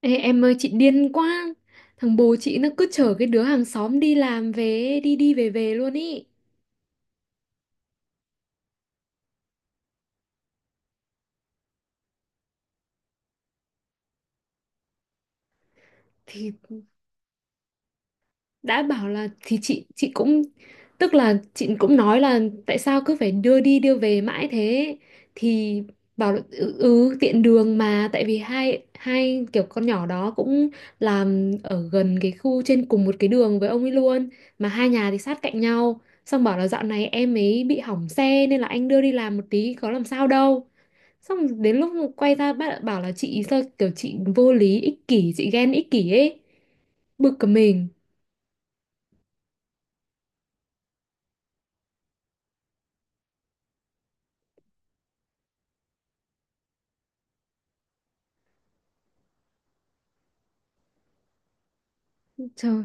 Ê, em ơi, chị điên quá. Thằng bố chị nó cứ chở cái đứa hàng xóm đi làm về, đi đi về về luôn ý. Thì đã bảo là, thì chị cũng, tức là chị cũng nói là tại sao cứ phải đưa đi đưa về mãi thế. Thì bảo là, ừ, tiện đường mà. Tại vì hai hai kiểu con nhỏ đó cũng làm ở gần cái khu, trên cùng một cái đường với ông ấy luôn. Mà hai nhà thì sát cạnh nhau. Xong bảo là dạo này em ấy bị hỏng xe, nên là anh đưa đi làm một tí có làm sao đâu. Xong đến lúc quay ra bác bảo là chị sao kiểu chị vô lý, ích kỷ, chị ghen ích kỷ ấy. Bực cả mình. Trời,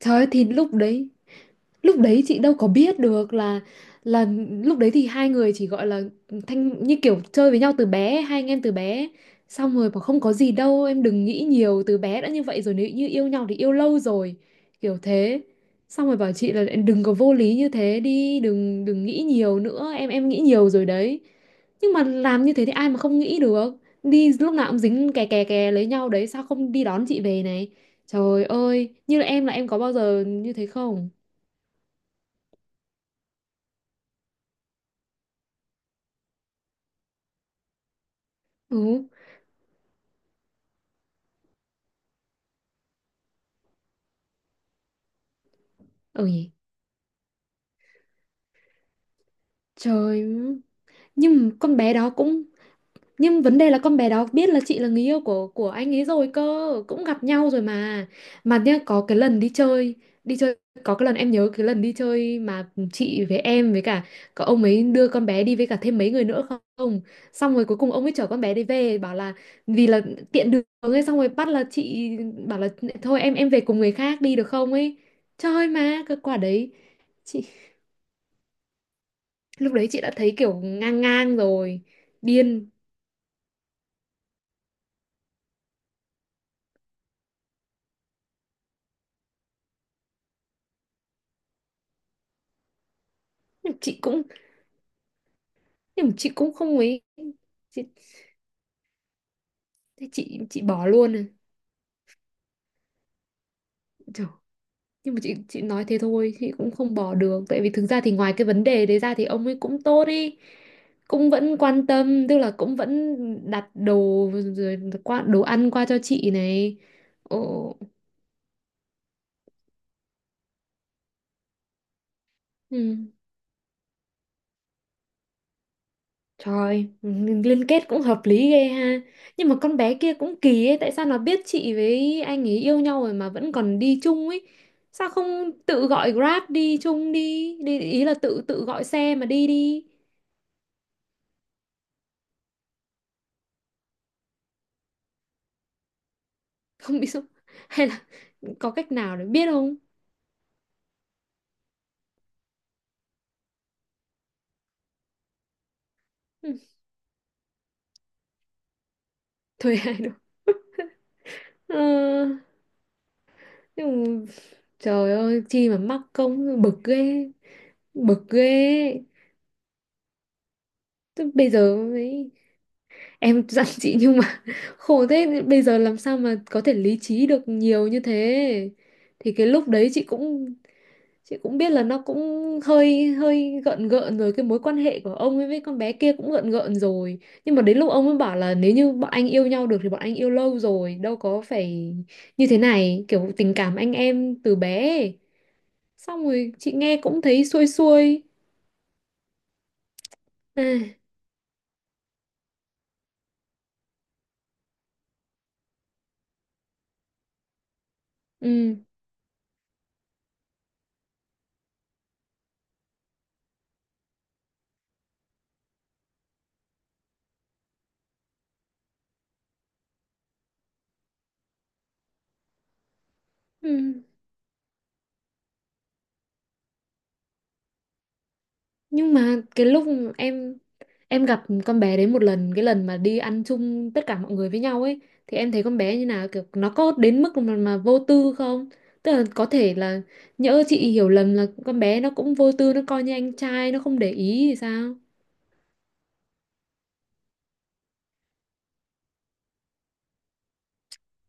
trời ơi, thì lúc đấy, lúc đấy chị đâu có biết được là lúc đấy thì hai người chỉ gọi là thanh như kiểu chơi với nhau từ bé, hai anh em từ bé. Xong rồi bảo không có gì đâu em, đừng nghĩ nhiều, từ bé đã như vậy rồi, nếu như yêu nhau thì yêu lâu rồi, kiểu thế. Xong rồi bảo chị là đừng có vô lý như thế đi, đừng đừng nghĩ nhiều nữa em nghĩ nhiều rồi đấy. Nhưng mà làm như thế thì ai mà không nghĩ được, đi lúc nào cũng dính kè kè kè lấy nhau đấy, sao không đi đón chị về này. Trời ơi, như là em, là em có bao giờ như thế không. Ừ. Ôi trời. Nhưng mà con bé đó cũng, nhưng vấn đề là con bé đó biết là chị là người yêu của anh ấy rồi cơ, cũng gặp nhau rồi mà. Mà nhá, có cái lần đi chơi, đi chơi, có cái lần em nhớ cái lần đi chơi mà chị với em với cả, có ông ấy đưa con bé đi với cả thêm mấy người nữa không. Xong rồi cuối cùng ông ấy chở con bé đi về, bảo là vì là tiện đường ấy. Xong rồi bắt là chị, bảo là thôi em, về cùng người khác đi được không ấy. Trời, mà cái quả đấy chị lúc đấy chị đã thấy kiểu ngang ngang rồi. Điên. Nhưng mà chị cũng, nhưng mà chị cũng không ấy. Chị, thế chị bỏ luôn à? Trời, nhưng mà chị nói thế thôi, chị cũng không bỏ được, tại vì thực ra thì ngoài cái vấn đề đấy ra thì ông ấy cũng tốt đi, cũng vẫn quan tâm, tức là cũng vẫn đặt đồ, rồi qua đồ ăn qua cho chị này. Ồ, ừ. Trời, liên kết cũng hợp lý ghê ha. Nhưng mà con bé kia cũng kỳ ấy, tại sao nó biết chị với anh ấy yêu nhau rồi mà vẫn còn đi chung ấy? Sao không tự gọi Grab đi chung đi, đi ý là tự tự gọi xe mà đi đi. Không biết sao. Hay là có cách nào để biết không? Ừ. Thuê ai được. Ờ, nhưng mà, trời ơi, chi mà mắc công bực ghê, bực ghê. Tức, bây giờ ấy, em dặn chị nhưng mà khổ thế, bây giờ làm sao mà có thể lý trí được nhiều như thế. Thì cái lúc đấy chị cũng, chị cũng biết là nó cũng hơi hơi gợn gợn rồi, cái mối quan hệ của ông ấy với con bé kia cũng gợn gợn rồi. Nhưng mà đến lúc ông ấy bảo là nếu như bọn anh yêu nhau được thì bọn anh yêu lâu rồi, đâu có phải như thế này, kiểu tình cảm anh em từ bé ấy. Xong rồi chị nghe cũng thấy xuôi xuôi. À, ừ, ừ. Nhưng mà cái lúc em em gặp con bé đấy một lần, cái lần mà đi ăn chung tất cả mọi người với nhau ấy, thì em thấy con bé như nào, kiểu nó có đến mức mà vô tư không, tức là có thể là nhỡ chị hiểu lầm là con bé nó cũng vô tư, nó coi như anh trai, nó không để ý thì sao.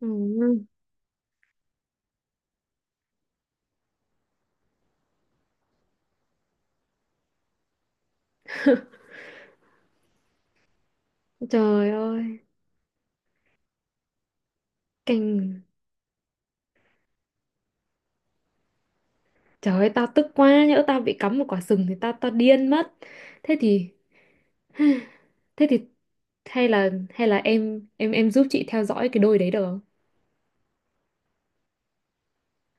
Ừ, trời ơi, kinh. Trời ơi, tao tức quá, nhỡ tao bị cắm một quả sừng thì tao tao điên mất. Thế thì, thế thì hay là, hay là em giúp chị theo dõi cái đôi đấy được không.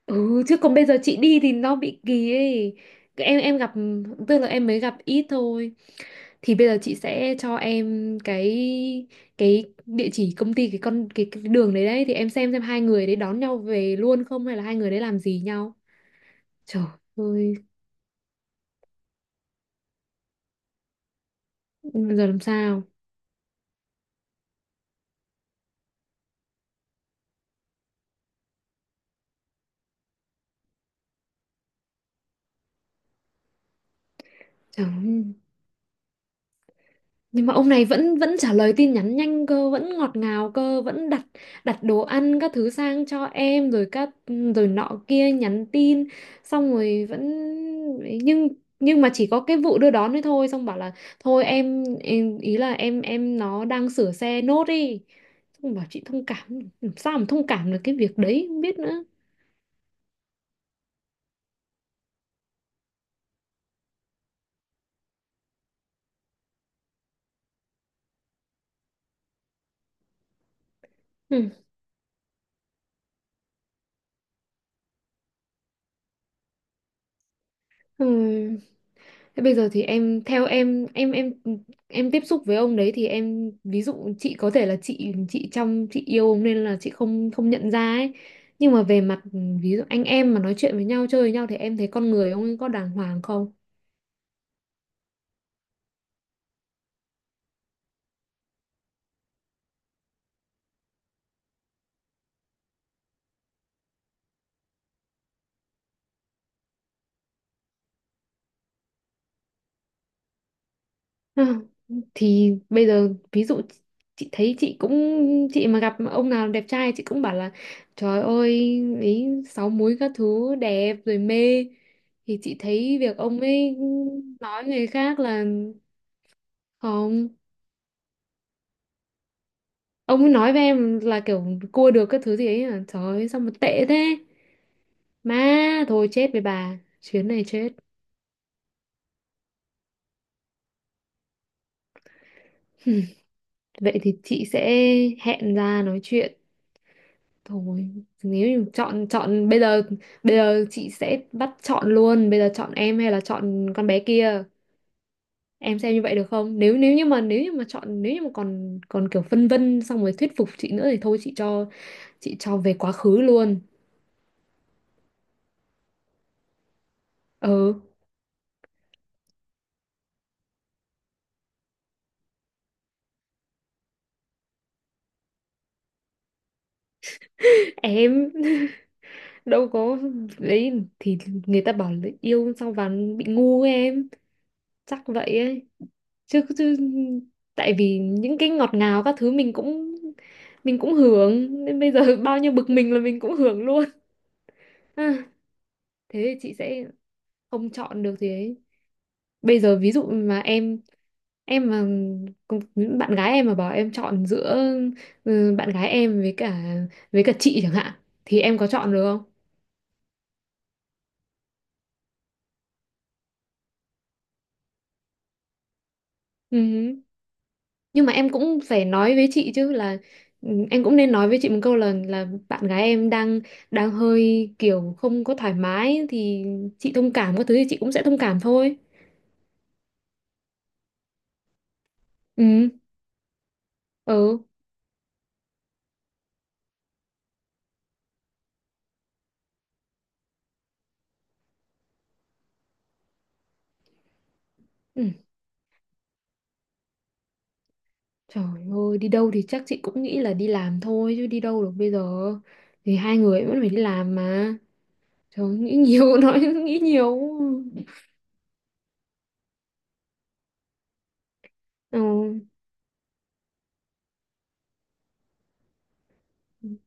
Ừ, chứ còn bây giờ chị đi thì nó bị kỳ ấy. Cái, Em gặp, tức là em mới gặp ít thôi. Thì bây giờ chị sẽ cho em cái địa chỉ công ty, cái con cái đường đấy đấy, thì em xem hai người đấy đón nhau về luôn không hay là hai người đấy làm gì nhau. Trời ơi, giờ làm sao? Trời ơi. Nhưng mà ông này vẫn vẫn trả lời tin nhắn nhanh cơ, vẫn ngọt ngào cơ, vẫn đặt, đặt đồ ăn các thứ sang cho em, rồi các, rồi nọ kia nhắn tin, xong rồi vẫn, nhưng nhưng mà chỉ có cái vụ đưa đón ấy thôi, xong bảo là thôi em ý là em nó đang sửa xe nốt đi, xong bảo chị thông cảm. Làm sao mà thông cảm được cái việc đấy, không biết nữa. Ừ. Ừ. Thế bây giờ thì em theo em, em tiếp xúc với ông đấy thì em, ví dụ chị có thể là chị trong chị yêu ông nên là chị không không nhận ra ấy. Nhưng mà về mặt, ví dụ anh em mà nói chuyện với nhau, chơi với nhau, thì em thấy con người ông ấy có đàng hoàng không? À, thì bây giờ ví dụ chị thấy chị cũng, chị mà gặp ông nào đẹp trai chị cũng bảo là trời ơi ý, sáu múi các thứ đẹp rồi mê, thì chị thấy việc ông ấy nói người khác là không. Ông ấy nói với em là kiểu cua được cái thứ gì ấy à, trời ơi sao mà tệ thế. Má, thôi chết với bà, chuyến này chết. Vậy thì chị sẽ hẹn ra nói chuyện, thôi nếu như chọn chọn bây giờ, bây giờ chị sẽ bắt chọn luôn, bây giờ chọn em hay là chọn con bé kia, em xem như vậy được không. Nếu, nếu như mà chọn, nếu như mà còn, còn kiểu phân vân xong rồi thuyết phục chị nữa thì thôi chị chị cho về quá khứ luôn. Ừ. Em đâu có đấy, thì người ta bảo là yêu xong vào bị ngu ấy em, chắc vậy ấy chứ, chứ tại vì những cái ngọt ngào các thứ mình cũng, mình cũng hưởng, nên bây giờ bao nhiêu bực mình là mình cũng hưởng luôn. À, thế thì chị sẽ không chọn được gì ấy, bây giờ ví dụ mà em mà cùng-, bạn gái em mà bảo em chọn giữa, ừ, bạn gái em với cả, với cả chị chẳng hạn, thì em có chọn được không. Ừ. Nhưng mà em cũng phải nói với chị chứ, là, ừ, em cũng nên nói với chị một câu là bạn gái em đang, đang hơi kiểu không có thoải mái, thì chị thông cảm, có thứ thì chị cũng sẽ thông cảm thôi. Ừ. Ừ. Ừ, trời ơi, đi đâu thì chắc chị cũng nghĩ là đi làm thôi chứ đi đâu được bây giờ, thì hai người vẫn phải đi làm mà. Trời ơi, nghĩ nhiều nói nghĩ nhiều. Ừ.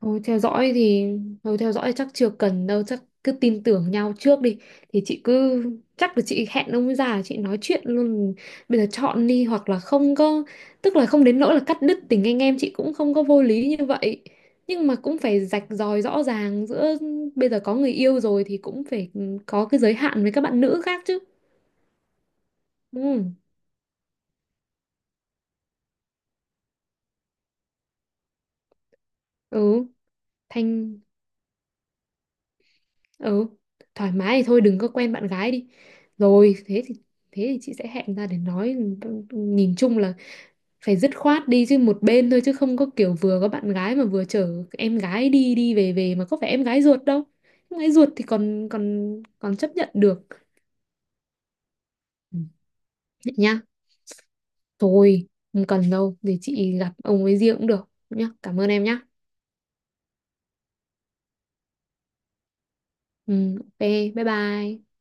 Thôi theo dõi thì, thôi theo dõi chắc chưa cần đâu, chắc cứ tin tưởng nhau trước đi. Thì chị cứ, chắc là chị hẹn ông ấy ra chị nói chuyện luôn, bây giờ chọn đi, hoặc là không có, tức là không đến nỗi là cắt đứt tình anh em, chị cũng không có vô lý như vậy, nhưng mà cũng phải rạch ròi rõ ràng giữa, bây giờ có người yêu rồi thì cũng phải có cái giới hạn với các bạn nữ khác chứ. Ừ. Ừ. Thanh, ừ, thoải mái thì thôi đừng có quen bạn gái đi. Rồi thế thì, thế thì chị sẽ hẹn ra để nói, nhìn chung là phải dứt khoát đi chứ, một bên thôi chứ không có kiểu vừa có bạn gái mà vừa chở em gái đi đi về về, mà có phải em gái ruột đâu, em gái ruột thì còn còn còn chấp nhận được. Ừ, vậy nhá, thôi không cần đâu, để chị gặp ông ấy riêng cũng được nhá, cảm ơn em nhá. Ừ, ok, bye bye.